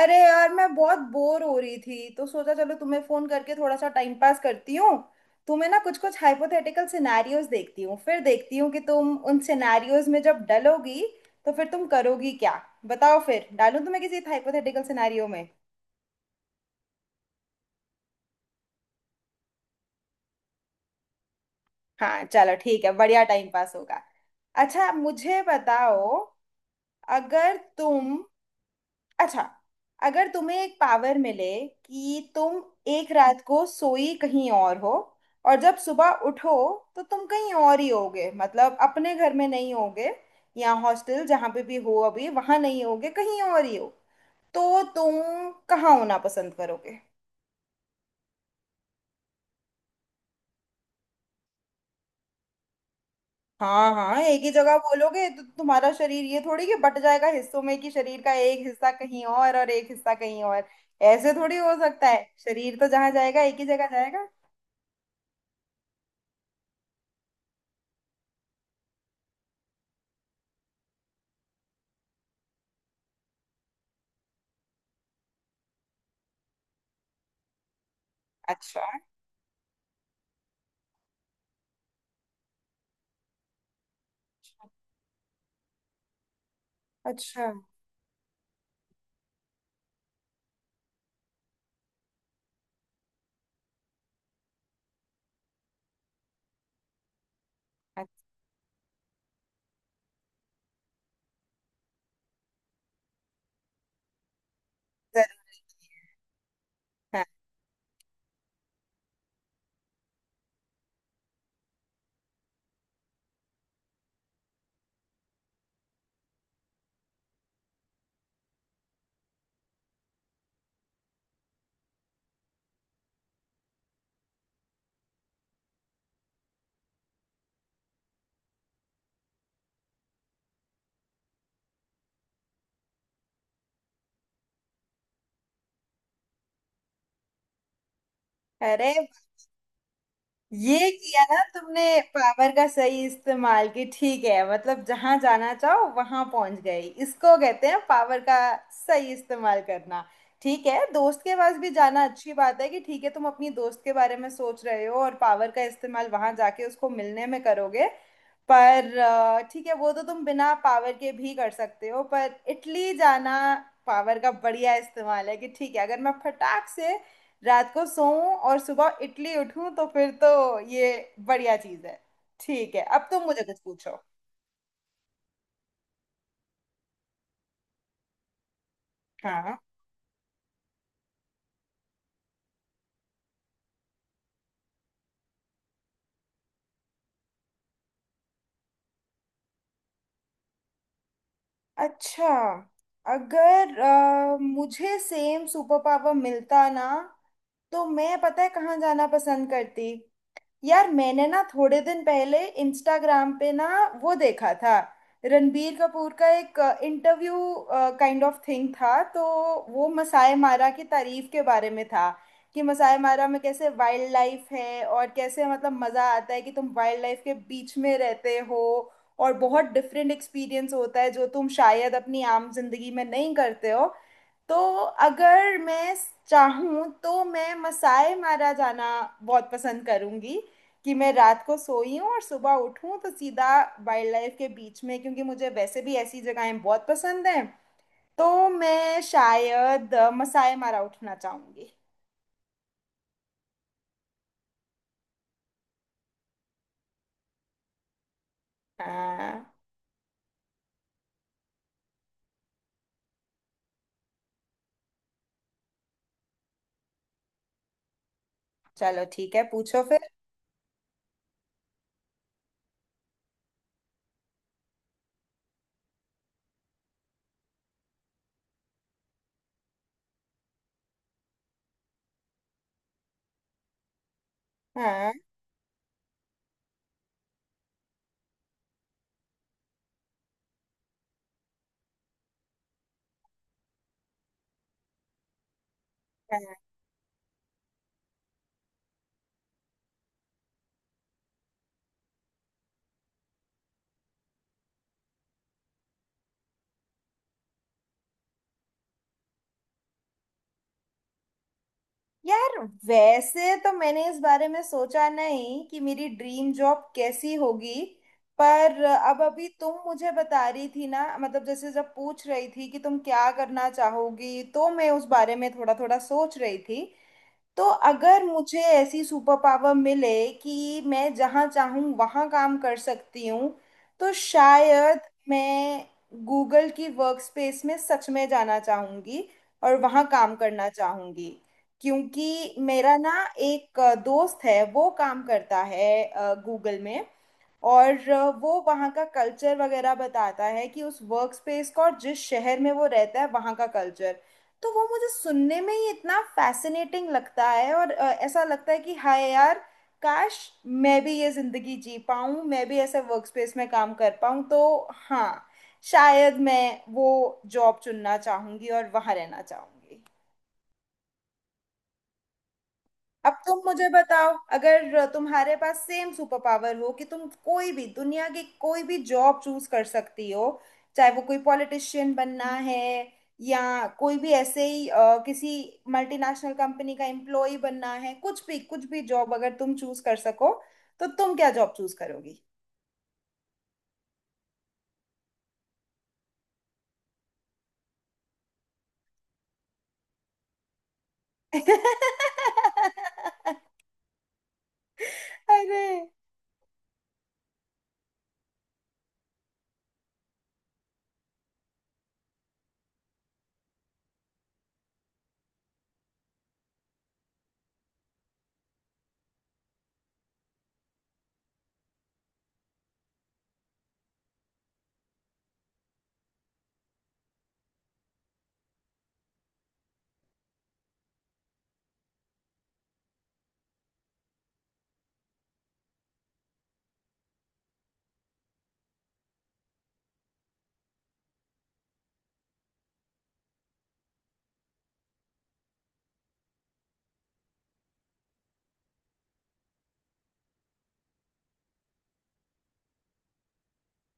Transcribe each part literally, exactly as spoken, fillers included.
अरे यार, मैं बहुत बोर हो रही थी तो सोचा चलो तुम्हें फोन करके थोड़ा सा टाइम पास करती हूँ। तुम्हें ना कुछ कुछ हाइपोथेटिकल सिनेरियोज देखती हूँ, फिर देखती हूँ कि तुम उन सिनेरियोज में जब डलोगी तो फिर तुम करोगी क्या। बताओ, फिर डालूं तुम्हें किसी हाइपोथेटिकल सिनेरियो में। हाँ चलो ठीक है, बढ़िया टाइम पास होगा। अच्छा, मुझे बताओ। अगर तुम अच्छा, अगर तुम्हें एक पावर मिले कि तुम एक रात को सोई कहीं और हो, और जब सुबह उठो तो तुम कहीं और ही होगे, मतलब अपने घर में नहीं होगे या हॉस्टल जहाँ पे भी हो अभी वहाँ नहीं होगे, कहीं और ही हो। तो तुम कहाँ होना पसंद करोगे? हाँ हाँ, एक ही जगह बोलोगे तो तुम्हारा शरीर ये थोड़ी कि बट जाएगा हिस्सों में, कि शरीर का एक हिस्सा कहीं और और एक हिस्सा कहीं और। ऐसे थोड़ी हो सकता है, शरीर तो जहाँ जाएगा एक ही जगह जाएगा। अच्छा। अच्छा। अच्छा था। अरे ये किया ना तुमने, पावर का सही इस्तेमाल की। ठीक है, मतलब जहां जाना चाहो वहां पहुंच गई। इसको कहते हैं पावर का सही इस्तेमाल करना। ठीक है, दोस्त के पास भी जाना अच्छी बात है कि ठीक है तुम अपनी दोस्त के बारे में सोच रहे हो और पावर का इस्तेमाल वहां जाके उसको मिलने में करोगे। पर अ, ठीक है, वो तो तुम बिना पावर के भी कर सकते हो, पर इटली जाना पावर का बढ़िया इस्तेमाल है। कि ठीक है, अगर मैं फटाक से रात को सोऊं और सुबह इडली उठूं तो फिर तो ये बढ़िया चीज है। ठीक है, अब तुम मुझे कुछ पूछो। हाँ। अच्छा, अगर अ, मुझे सेम सुपर पावर मिलता ना तो मैं, पता है कहाँ जाना पसंद करती? यार, मैंने ना थोड़े दिन पहले इंस्टाग्राम पे ना वो देखा था, रणबीर कपूर का एक इंटरव्यू काइंड ऑफ थिंग था। तो वो मसाई मारा की तारीफ के बारे में था कि मसाई मारा में कैसे वाइल्ड लाइफ है और कैसे, मतलब मज़ा आता है कि तुम वाइल्ड लाइफ के बीच में रहते हो और बहुत डिफरेंट एक्सपीरियंस होता है जो तुम शायद अपनी आम जिंदगी में नहीं करते हो। तो अगर मैं चाहूँ तो मैं मसाई मारा जाना बहुत पसंद करूँगी, कि मैं रात को सोई हूँ और सुबह उठूँ तो सीधा वाइल्ड लाइफ के बीच में, क्योंकि मुझे वैसे भी ऐसी जगहें बहुत पसंद हैं। तो मैं शायद अ, मसाई मारा उठना चाहूँगी। हाँ चलो ठीक है, पूछो फिर। हाँ। हाँ। यार, वैसे तो मैंने इस बारे में सोचा नहीं कि मेरी ड्रीम जॉब कैसी होगी, पर अब अभी तुम मुझे बता रही थी ना, मतलब जैसे जब पूछ रही थी कि तुम क्या करना चाहोगी तो मैं उस बारे में थोड़ा थोड़ा सोच रही थी। तो अगर मुझे ऐसी सुपर पावर मिले कि मैं जहाँ चाहूँ वहाँ काम कर सकती हूँ तो शायद मैं गूगल की वर्क स्पेस में सच में जाना चाहूँगी और वहाँ काम करना चाहूँगी। क्योंकि मेरा ना एक अ, दोस्त है, वो काम करता है गूगल में। और अ, वो वहाँ का कल्चर वगैरह बताता है कि उस वर्क स्पेस का, और जिस शहर में वो रहता है वहाँ का कल्चर। तो वो मुझे सुनने में ही इतना फैसिनेटिंग लगता है और अ, ऐसा लगता है कि हाय यार, काश मैं भी ये ज़िंदगी जी पाऊँ, मैं भी ऐसे वर्क स्पेस में काम कर पाऊँ। तो हाँ, शायद मैं वो जॉब चुनना चाहूँगी और वहाँ रहना चाहूँगी। अब तुम मुझे बताओ, अगर तुम्हारे पास सेम सुपर पावर हो कि तुम कोई भी दुनिया की कोई भी जॉब चूज कर सकती हो, चाहे वो कोई पॉलिटिशियन बनना है या कोई भी ऐसे ही अ, किसी मल्टीनेशनल कंपनी का एम्प्लॉय बनना है, कुछ भी कुछ भी जॉब अगर तुम चूज कर सको, तो तुम क्या जॉब चूज करोगी? अरे।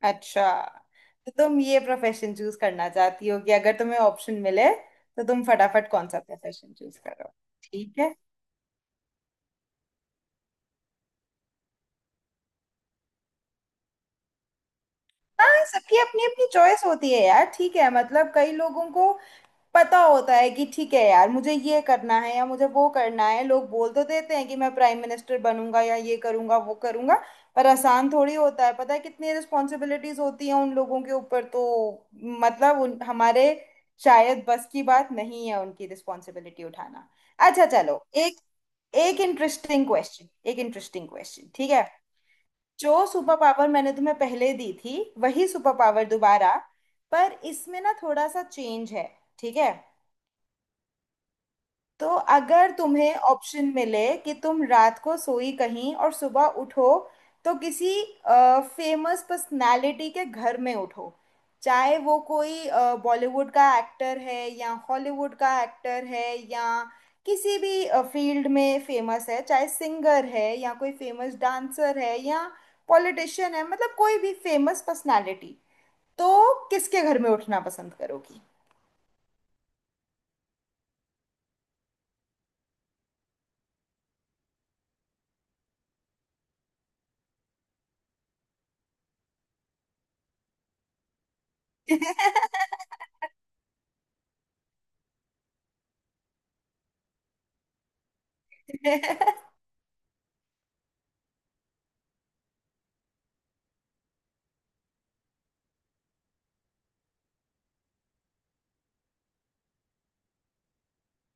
अच्छा, तो तुम ये प्रोफेशन चूज करना चाहती हो कि अगर तुम्हें ऑप्शन मिले तो तुम फटाफट कौन सा प्रोफेशन चूज करो। ठीक है। हाँ, सबकी अपनी अपनी चॉइस होती है यार। ठीक है, मतलब कई लोगों को पता होता है कि ठीक है यार मुझे ये करना है या मुझे वो करना है। लोग बोल तो देते हैं कि मैं प्राइम मिनिस्टर बनूंगा या ये करूंगा वो करूंगा, पर आसान थोड़ी होता है। पता है कितनी रिस्पॉन्सिबिलिटीज होती हैं उन लोगों के ऊपर। तो मतलब उन, हमारे शायद बस की बात नहीं है उनकी रिस्पॉन्सिबिलिटी उठाना। अच्छा चलो, एक एक इंटरेस्टिंग क्वेश्चन, एक इंटरेस्टिंग क्वेश्चन, ठीक है? जो सुपर पावर मैंने तुम्हें पहले दी थी, वही सुपर पावर दोबारा, पर इसमें ना थोड़ा सा चेंज है, ठीक है? तो अगर तुम्हें ऑप्शन मिले कि तुम रात को सोई कहीं और सुबह उठो तो किसी फेमस पर्सनालिटी के घर में उठो। चाहे वो कोई बॉलीवुड का एक्टर है या हॉलीवुड का एक्टर है, या किसी भी फील्ड में फेमस है, चाहे सिंगर है या कोई फेमस डांसर है या पॉलिटिशियन है, मतलब कोई भी फेमस पर्सनालिटी। तो किसके घर में उठना पसंद करोगी?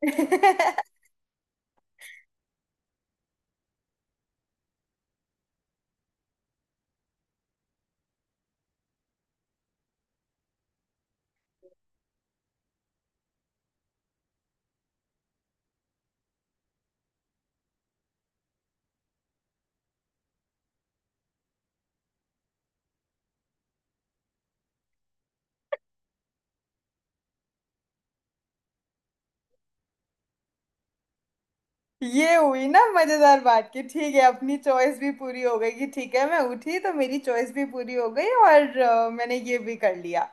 ये हुई ना मजेदार बात, कि ठीक है अपनी चॉइस भी पूरी हो गई कि ठीक है मैं उठी तो मेरी चॉइस भी पूरी हो गई, और अ, मैंने ये भी कर लिया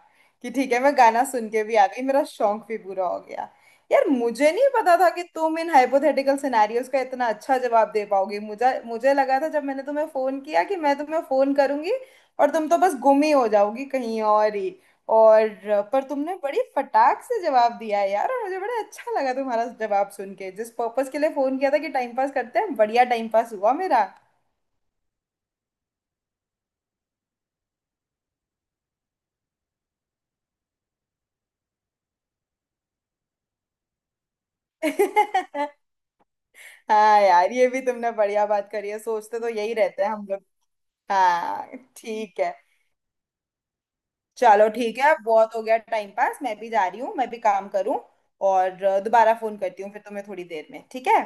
कि ठीक है मैं गाना सुन के भी आ गई, मेरा शौक भी पूरा हो गया। यार, मुझे नहीं पता था कि तुम इन हाइपोथेटिकल सिनेरियोज का इतना अच्छा जवाब दे पाओगी। मुझे मुझे लगा था जब मैंने तुम्हें फोन किया कि मैं तुम्हें फोन करूंगी और तुम तो बस गुम ही हो जाओगी कहीं और ही। और पर तुमने बड़ी फटाक से जवाब दिया है यार, और मुझे बड़ा अच्छा लगा तुम्हारा जवाब सुन के। जिस पर्पस के लिए फोन किया था कि टाइम पास करते हैं, बढ़िया टाइम पास हुआ मेरा। हाँ यार, ये भी तुमने बढ़िया बात करी है, सोचते तो यही रहते हैं हम लोग। हाँ। ठीक है, चलो ठीक है, अब बहुत हो गया टाइम पास। मैं भी जा रही हूँ, मैं भी काम करूँ। और दोबारा फोन करती हूँ फिर तुम्हें थोड़ी देर में, ठीक है?